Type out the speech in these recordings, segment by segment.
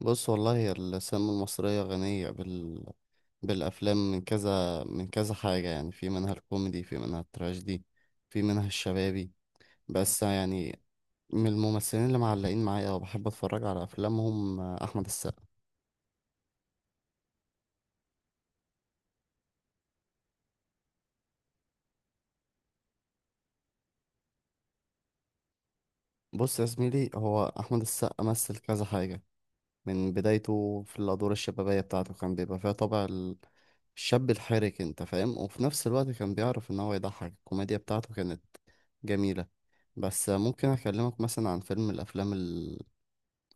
بص والله هي السينما المصرية غنية بالأفلام من كذا من كذا حاجة، يعني في منها الكوميدي، في منها التراجيدي، في منها الشبابي. بس يعني من الممثلين اللي معلقين معايا وبحب أتفرج على أفلامهم أحمد السقا. بص يا زميلي، هو أحمد السقا مثل كذا حاجة. من بدايته في الأدوار الشبابية بتاعته كان بيبقى فيها طابع الشاب الحرك، انت فاهم، وفي نفس الوقت كان بيعرف ان هو يضحك، الكوميديا بتاعته كانت جميلة. بس ممكن اكلمك مثلا عن فيلم من الافلام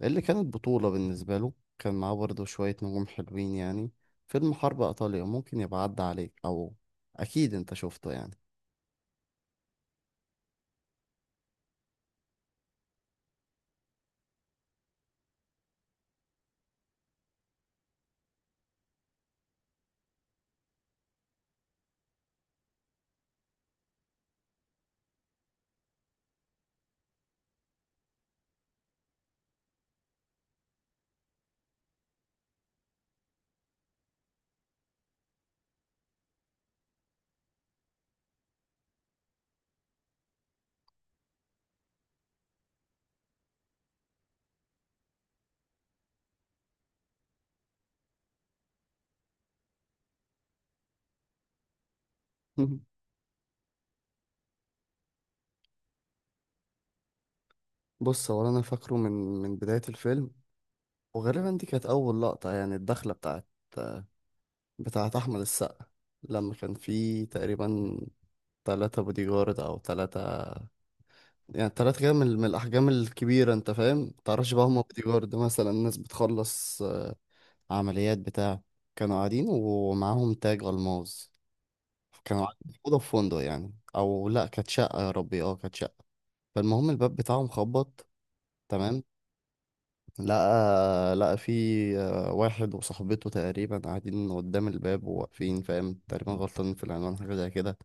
اللي كانت بطولة بالنسبة له، كان معاه برضه شوية نجوم حلوين يعني. فيلم حرب ايطاليا ممكن يبقى عدى عليك، او اكيد انت شفته يعني. بص، هو انا فاكره من من بداية الفيلم، وغالبا دي كانت اول لقطة يعني، الدخلة بتاعت احمد السقا، لما كان فيه تقريبا ثلاثة بودي جارد، او ثلاثة يعني، تلات كده من من الأحجام الكبيرة. أنت فاهم؟ متعرفش بقى هما بوديجارد مثلا، الناس بتخلص عمليات بتاع. كانوا قاعدين ومعاهم تاج ألماظ، كانوا قاعدين في أوضة في فندق يعني، أو لأ كانت شقة، يا ربي أه كانت شقة. فالمهم الباب بتاعهم خبط، تمام، لقى في واحد وصاحبته تقريبا قاعدين قدام الباب وواقفين، فاهم، تقريبا غلطانين في العنوان حاجة زي كده.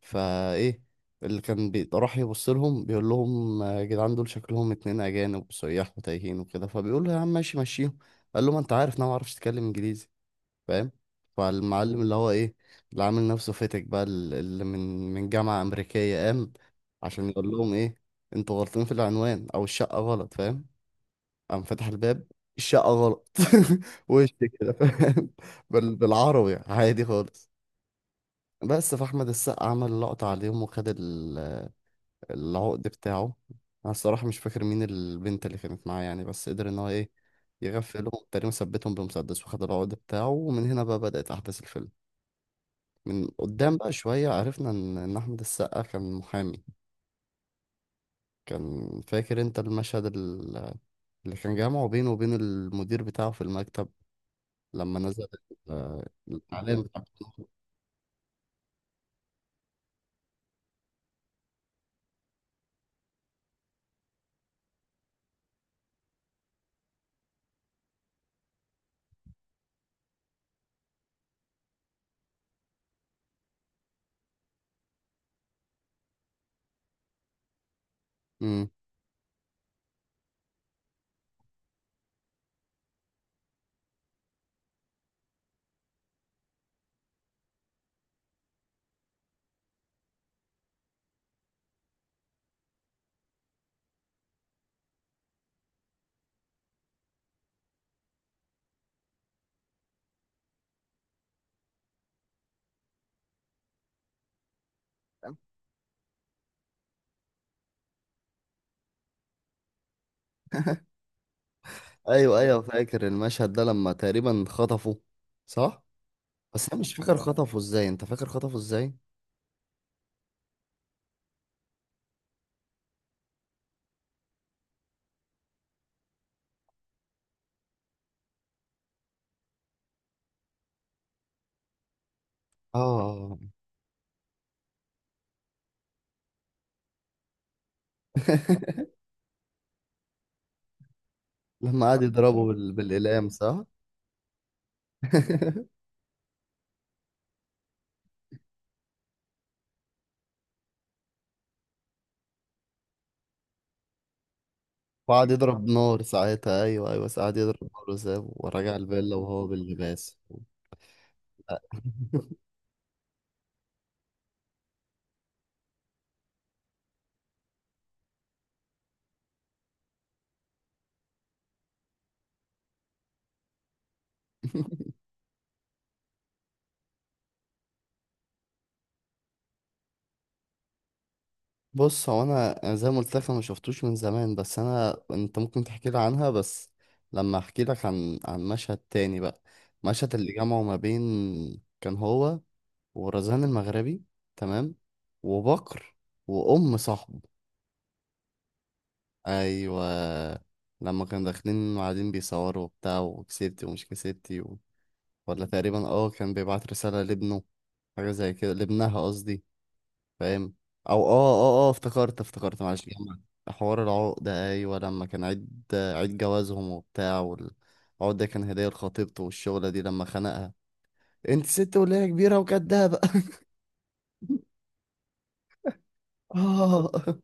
فايه اللي كان راح يبص لهم بيقول لهم يا جدعان دول شكلهم اتنين اجانب سياح وتايهين وكده، فبيقول له يا عم ماشي مشيهم. قال له ما انت عارف إن انا ما اعرفش اتكلم انجليزي، فاهم. فالمعلم اللي هو ايه، اللي عامل نفسه فاتك بقى، اللي من من جامعة امريكية، قام عشان يقول لهم ايه، انتوا غلطين في العنوان او الشقة غلط، فاهم. قام فتح الباب، الشقة غلط، وش كده فاهم، بالعربي عادي خالص. بس فاحمد السقا عمل لقطة عليهم وخد العقد بتاعه. انا الصراحه مش فاكر مين البنت اللي كانت معاه يعني، بس قدر ان هو ايه، يغفلهم، تقريبا ثبتهم بمسدس وخد العقد بتاعه. ومن هنا بقى بدأت احداث الفيلم. من قدام بقى شويه عرفنا ان ان احمد السقا كان محامي. كان فاكر انت المشهد اللي كان جامعه بينه وبين المدير بتاعه في المكتب، لما نزل ال- الاعلان بتاعه؟ مم. ايوه ايوه، فاكر المشهد ده لما تقريبا خطفه، صح. بس انا مش فاكر خطفه ازاي، انت فاكر خطفه ازاي؟ اه. لما قعد يضربه بالإقلام، صح؟ وقعد يضرب نار ساعتها، أيوه أيوه، قعد يضرب نار وسابه ورجع الفيلا وهو باللباس. لا. بص، هو أنا زي ما قلت لك أنا مشفتوش من زمان، بس أنا أنت ممكن تحكي لي عنها، بس لما أحكي لك عن عن مشهد تاني بقى. مشهد اللي جمعه ما بين، كان هو ورزان المغربي، تمام، وبكر وأم صاحبه. ايوه، لما كانوا داخلين وقاعدين بيصوروا وبتاع، وكسبتي ومش كسبتي و... ولا تقريبا اه كان بيبعت رسالة لابنه، حاجة زي كده، لابنها قصدي، فاهم. او افتكرت افتكرت معلش جمعت. حوار العقدة، ايوه، لما كان عيد عيد جوازهم وبتاع، والعقدة كان هدية لخطيبته، والشغلة دي لما خنقها انت ست ولا هي كبيرة وكدابة. اه،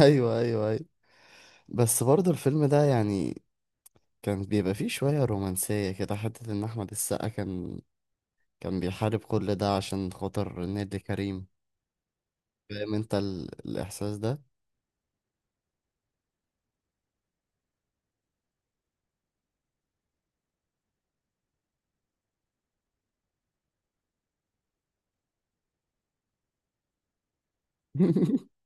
ايوه ايوه ايوه. بس برضه الفيلم ده يعني كان بيبقى فيه شوية رومانسية كده، حتة إن أحمد السقا كان كان بيحارب كل ده عشان خاطر نيللي كريم. فاهم أنت الإحساس ده؟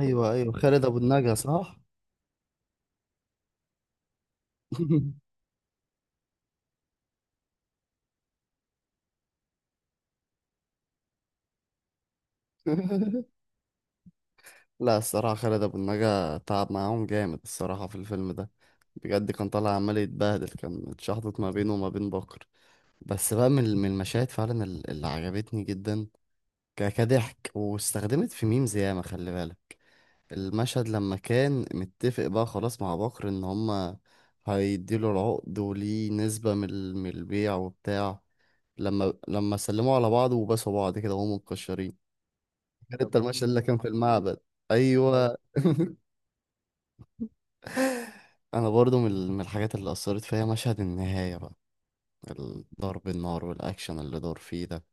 أيوه أيوه، خالد أبو النجا، صح؟ لا الصراحة خالد أبو النجا تعب معاهم جامد الصراحة في الفيلم ده، بجد. كان طالع عمال يتبهدل، كان اتشحطت ما بينه وما بين بكر. بس بقى من من المشاهد فعلا اللي عجبتني جدا، كضحك واستخدمت في ميمز ياما، خلي بالك. المشهد لما كان متفق بقى خلاص مع بكر ان هما هيديله العقد وليه نسبة من من البيع وبتاع، لما لما سلموا على بعض وباسوا بعض كده وهم متكشرين. كان انت المشهد اللي كان في المعبد. ايوه. انا برضو من من الحاجات اللي اثرت فيا مشهد النهاية بقى، ضرب النار والاكشن اللي دار فيه ده،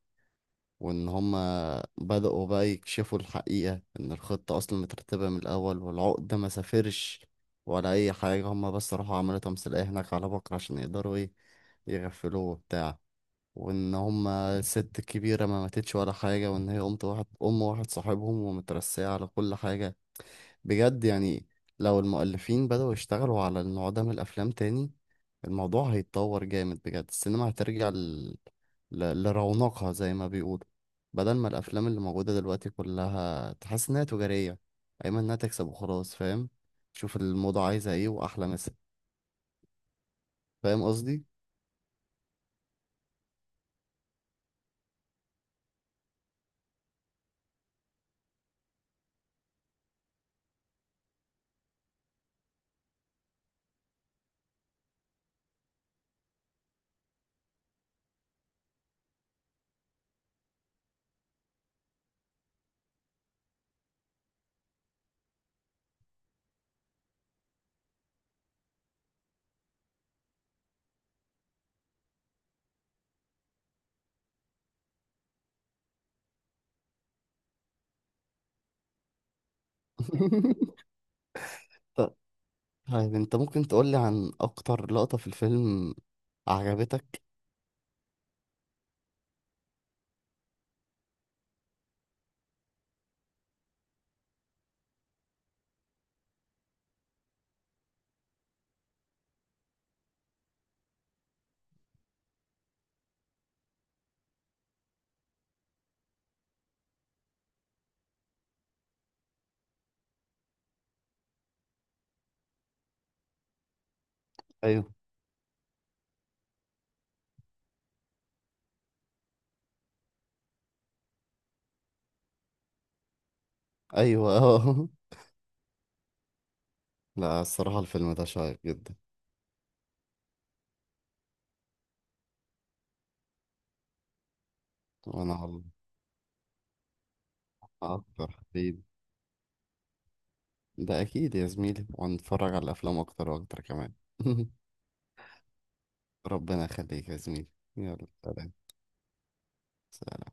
وإن هما بدأوا بقى يكشفوا الحقيقة، إن الخطة أصلا مترتبة من الأول، والعقدة ما سافرش ولا أي حاجة، هما بس راحوا عملوا تمثيلية هناك على بكرة، عشان يقدروا إيه يغفلوه وبتاع، وإن هما الست الكبيرة ما ماتتش ولا حاجة، وإن هي أمت واحد، أم واحد صاحبهم، ومترسية على كل حاجة. بجد يعني، لو المؤلفين بدأوا يشتغلوا على النوع ده من الأفلام تاني، الموضوع هيتطور جامد بجد. السينما هترجع لرونقها زي ما بيقولوا، بدل ما الافلام اللي موجوده دلوقتي كلها تحس انها تجاريه، ايما انها تكسب وخلاص، فاهم، شوف الموضة عايزه ايه واحلى مثل، فاهم قصدي. طب، طيب انت ممكن تقولي عن اكتر لقطه في الفيلم عجبتك؟ ايوه ايوه. اه. لا الصراحه الفيلم ده شيق جدا. وانا والله اكتر حبيب، ده اكيد يا زميلي، وهنتفرج على الافلام اكتر واكتر كمان. ربنا يخليك يا زميلي. يلا سلام. سلام.